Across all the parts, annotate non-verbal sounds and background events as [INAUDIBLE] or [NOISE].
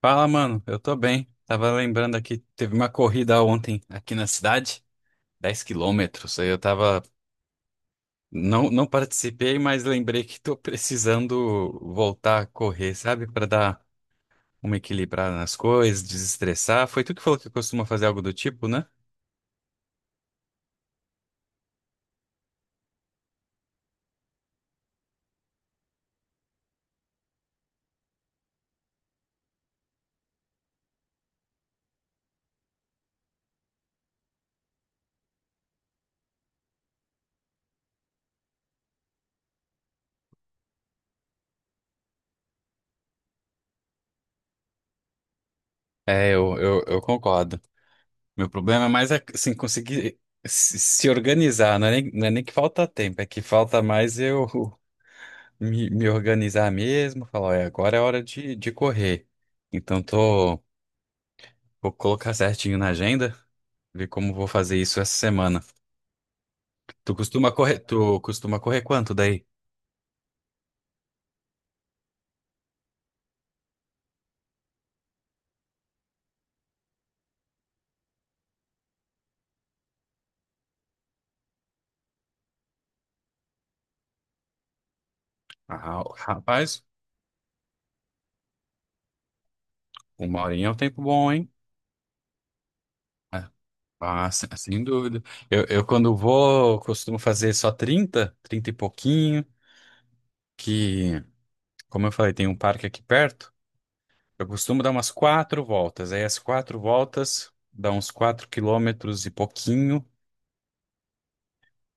Fala, mano. Eu tô bem. Tava lembrando aqui, teve uma corrida ontem aqui na cidade, 10 quilômetros. Aí eu tava. Não, não participei, mas lembrei que tô precisando voltar a correr, sabe? Pra dar uma equilibrada nas coisas, desestressar. Foi tu que falou que costuma fazer algo do tipo, né? Eu concordo. Meu problema é mais assim, conseguir se organizar. Não é nem que falta tempo, é que falta mais eu. Me organizar mesmo, falar, olha, agora é hora de correr. Então tô, vou colocar certinho na agenda, ver como vou fazer isso essa semana. Tu costuma correr quanto daí? Ah, rapaz, uma horinha é um tempo bom, hein? Ah, Sem dúvida. Eu quando vou, costumo fazer só 30, 30 e pouquinho, que, como eu falei, tem um parque aqui perto. Eu costumo dar umas quatro voltas. Aí as quatro voltas dá uns 4 quilômetros e pouquinho.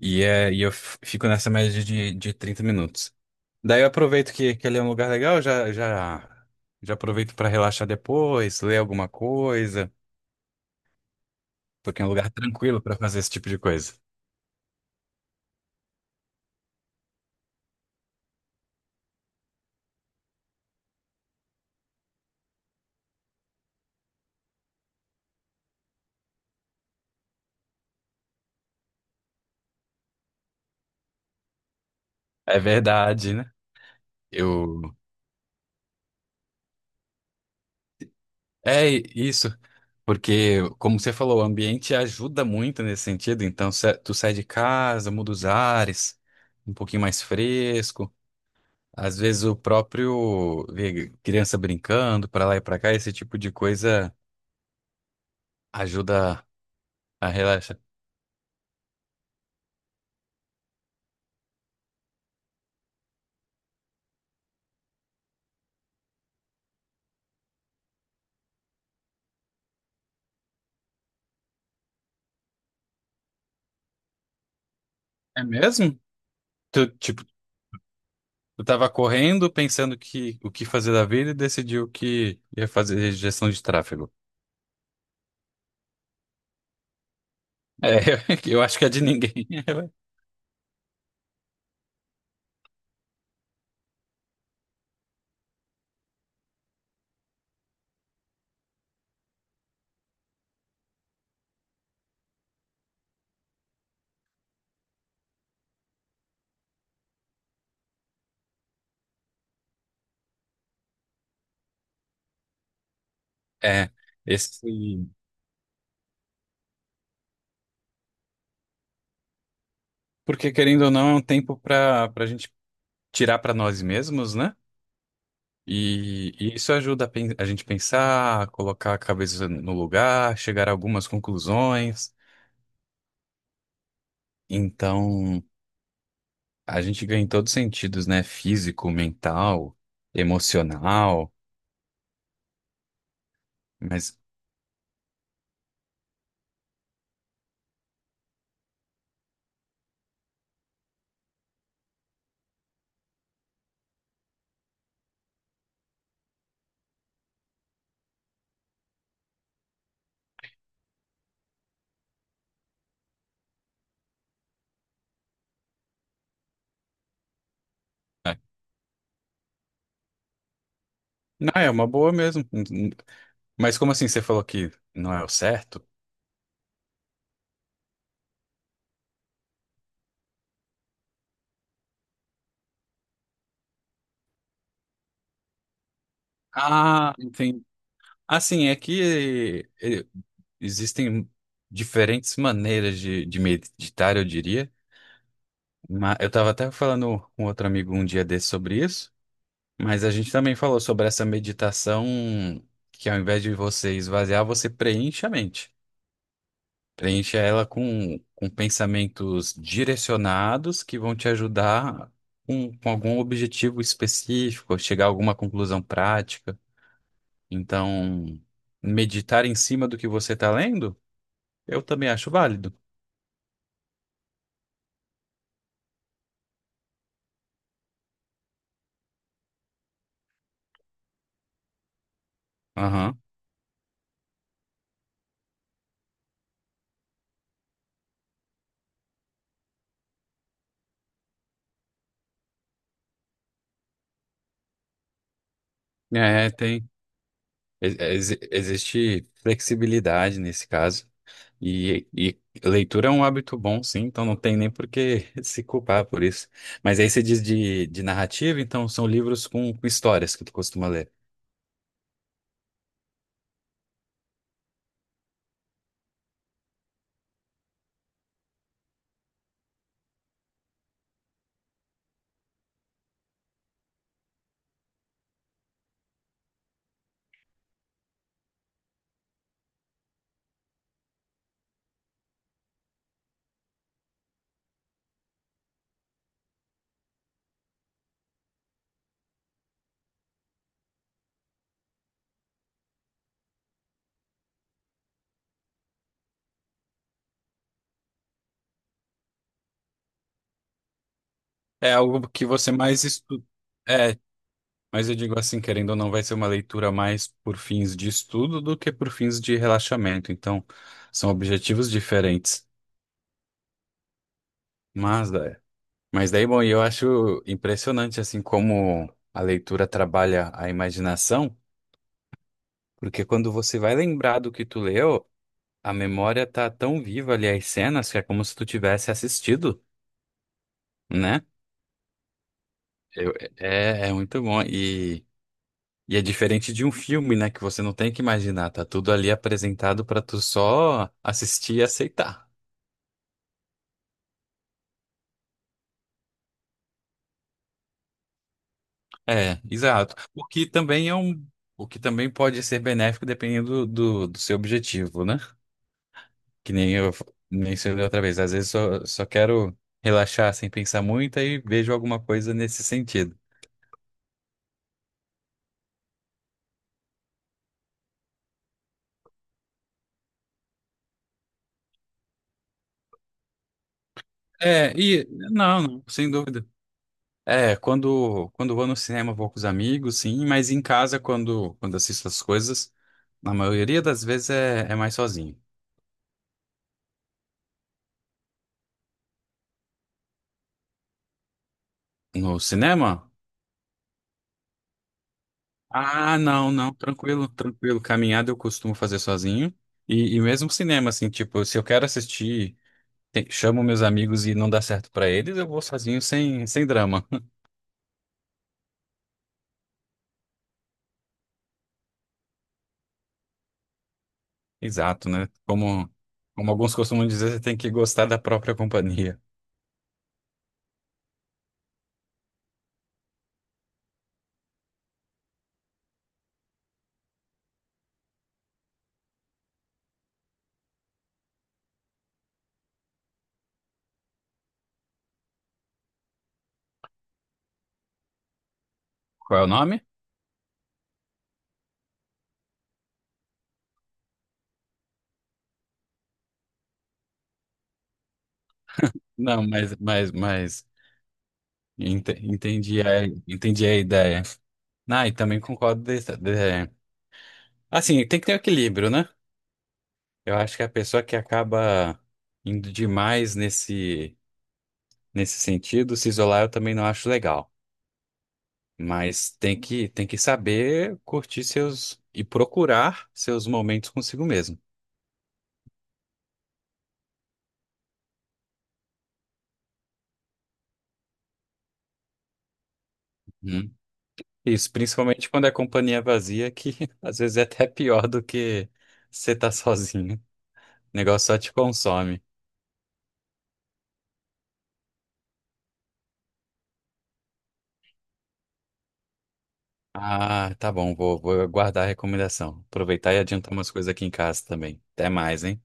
E, é, fico nessa média de 30 minutos. Daí eu aproveito que ele é um lugar legal, já aproveito para relaxar depois, ler alguma coisa, porque é um lugar tranquilo para fazer esse tipo de coisa. É verdade, né? Eu. Isso, porque, como você falou, o ambiente ajuda muito nesse sentido. Então, tu sai de casa, muda os ares, um pouquinho mais fresco. Às vezes o próprio ver criança brincando para lá e para cá, esse tipo de coisa ajuda a relaxar. É mesmo? Tu, tipo, tu tava correndo, pensando que o que fazer da vida e decidiu que ia fazer gestão de tráfego. É, [LAUGHS] eu acho que é de ninguém. [LAUGHS] É, esse. Porque querendo ou não, é um tempo para a gente tirar para nós mesmos, né? E isso ajuda a gente pensar, colocar a cabeça no lugar, chegar a algumas conclusões. Então, a gente ganha em todos os sentidos, né? Físico, mental, emocional. Mas é. Não, é uma boa mesmo. Mas como assim você falou que não é o certo? Ah, entendi. Assim, é que eh, existem diferentes maneiras de meditar, eu diria. Eu estava até falando com outro amigo um dia desse sobre isso, mas a gente também falou sobre essa meditação que ao invés de você esvaziar, você preenche a mente. Preencha ela com pensamentos direcionados que vão te ajudar com algum objetivo específico, chegar a alguma conclusão prática. Então, meditar em cima do que você está lendo, eu também acho válido. Aham. É, tem. ex- Existe flexibilidade nesse caso. E leitura é um hábito bom, sim, então não tem nem por que [LAUGHS] se culpar por isso. Mas aí você diz de narrativa, então são livros com histórias que tu costuma ler. É algo que você mais estuda. É, mas eu digo assim, querendo ou não, vai ser uma leitura mais por fins de estudo do que por fins de relaxamento. Então, são objetivos diferentes. Mas, é. Mas daí, bom, e eu acho impressionante, assim, como a leitura trabalha a imaginação, porque quando você vai lembrar do que tu leu, a memória tá tão viva ali as cenas que é como se tu tivesse assistido, né? É, é muito bom. E é diferente de um filme, né? Que você não tem que imaginar, tá tudo ali apresentado pra tu só assistir e aceitar. É, exato. O que também pode ser benéfico dependendo do seu objetivo, né? Que nem eu mencionei outra vez. Às vezes só quero relaxar sem pensar muito e vejo alguma coisa nesse sentido. É, e não, não, sem dúvida. É, quando vou no cinema, vou com os amigos, sim, mas em casa, quando assisto as coisas, na maioria das vezes é mais sozinho. No cinema? Ah, não, não, tranquilo, tranquilo. Caminhada eu costumo fazer sozinho. E mesmo cinema, assim, tipo, se eu quero assistir, chamo meus amigos e não dá certo pra eles, eu vou sozinho sem drama. [LAUGHS] Exato, né? Como, como alguns costumam dizer, você tem que gostar da própria companhia. Qual é o nome? Não, mas, mas. Entendi a, entendi a ideia. Ah, e também concordo. Assim, tem que ter um equilíbrio, né? Eu acho que a pessoa que acaba indo demais nesse sentido, se isolar, eu também não acho legal. Mas tem que saber curtir seus e procurar seus momentos consigo mesmo. Uhum. Isso, principalmente quando é companhia vazia, que [LAUGHS] às vezes é até pior do que você tá sozinho. O negócio só te consome. Ah, tá bom, vou guardar a recomendação. Aproveitar e adiantar umas coisas aqui em casa também. Até mais, hein?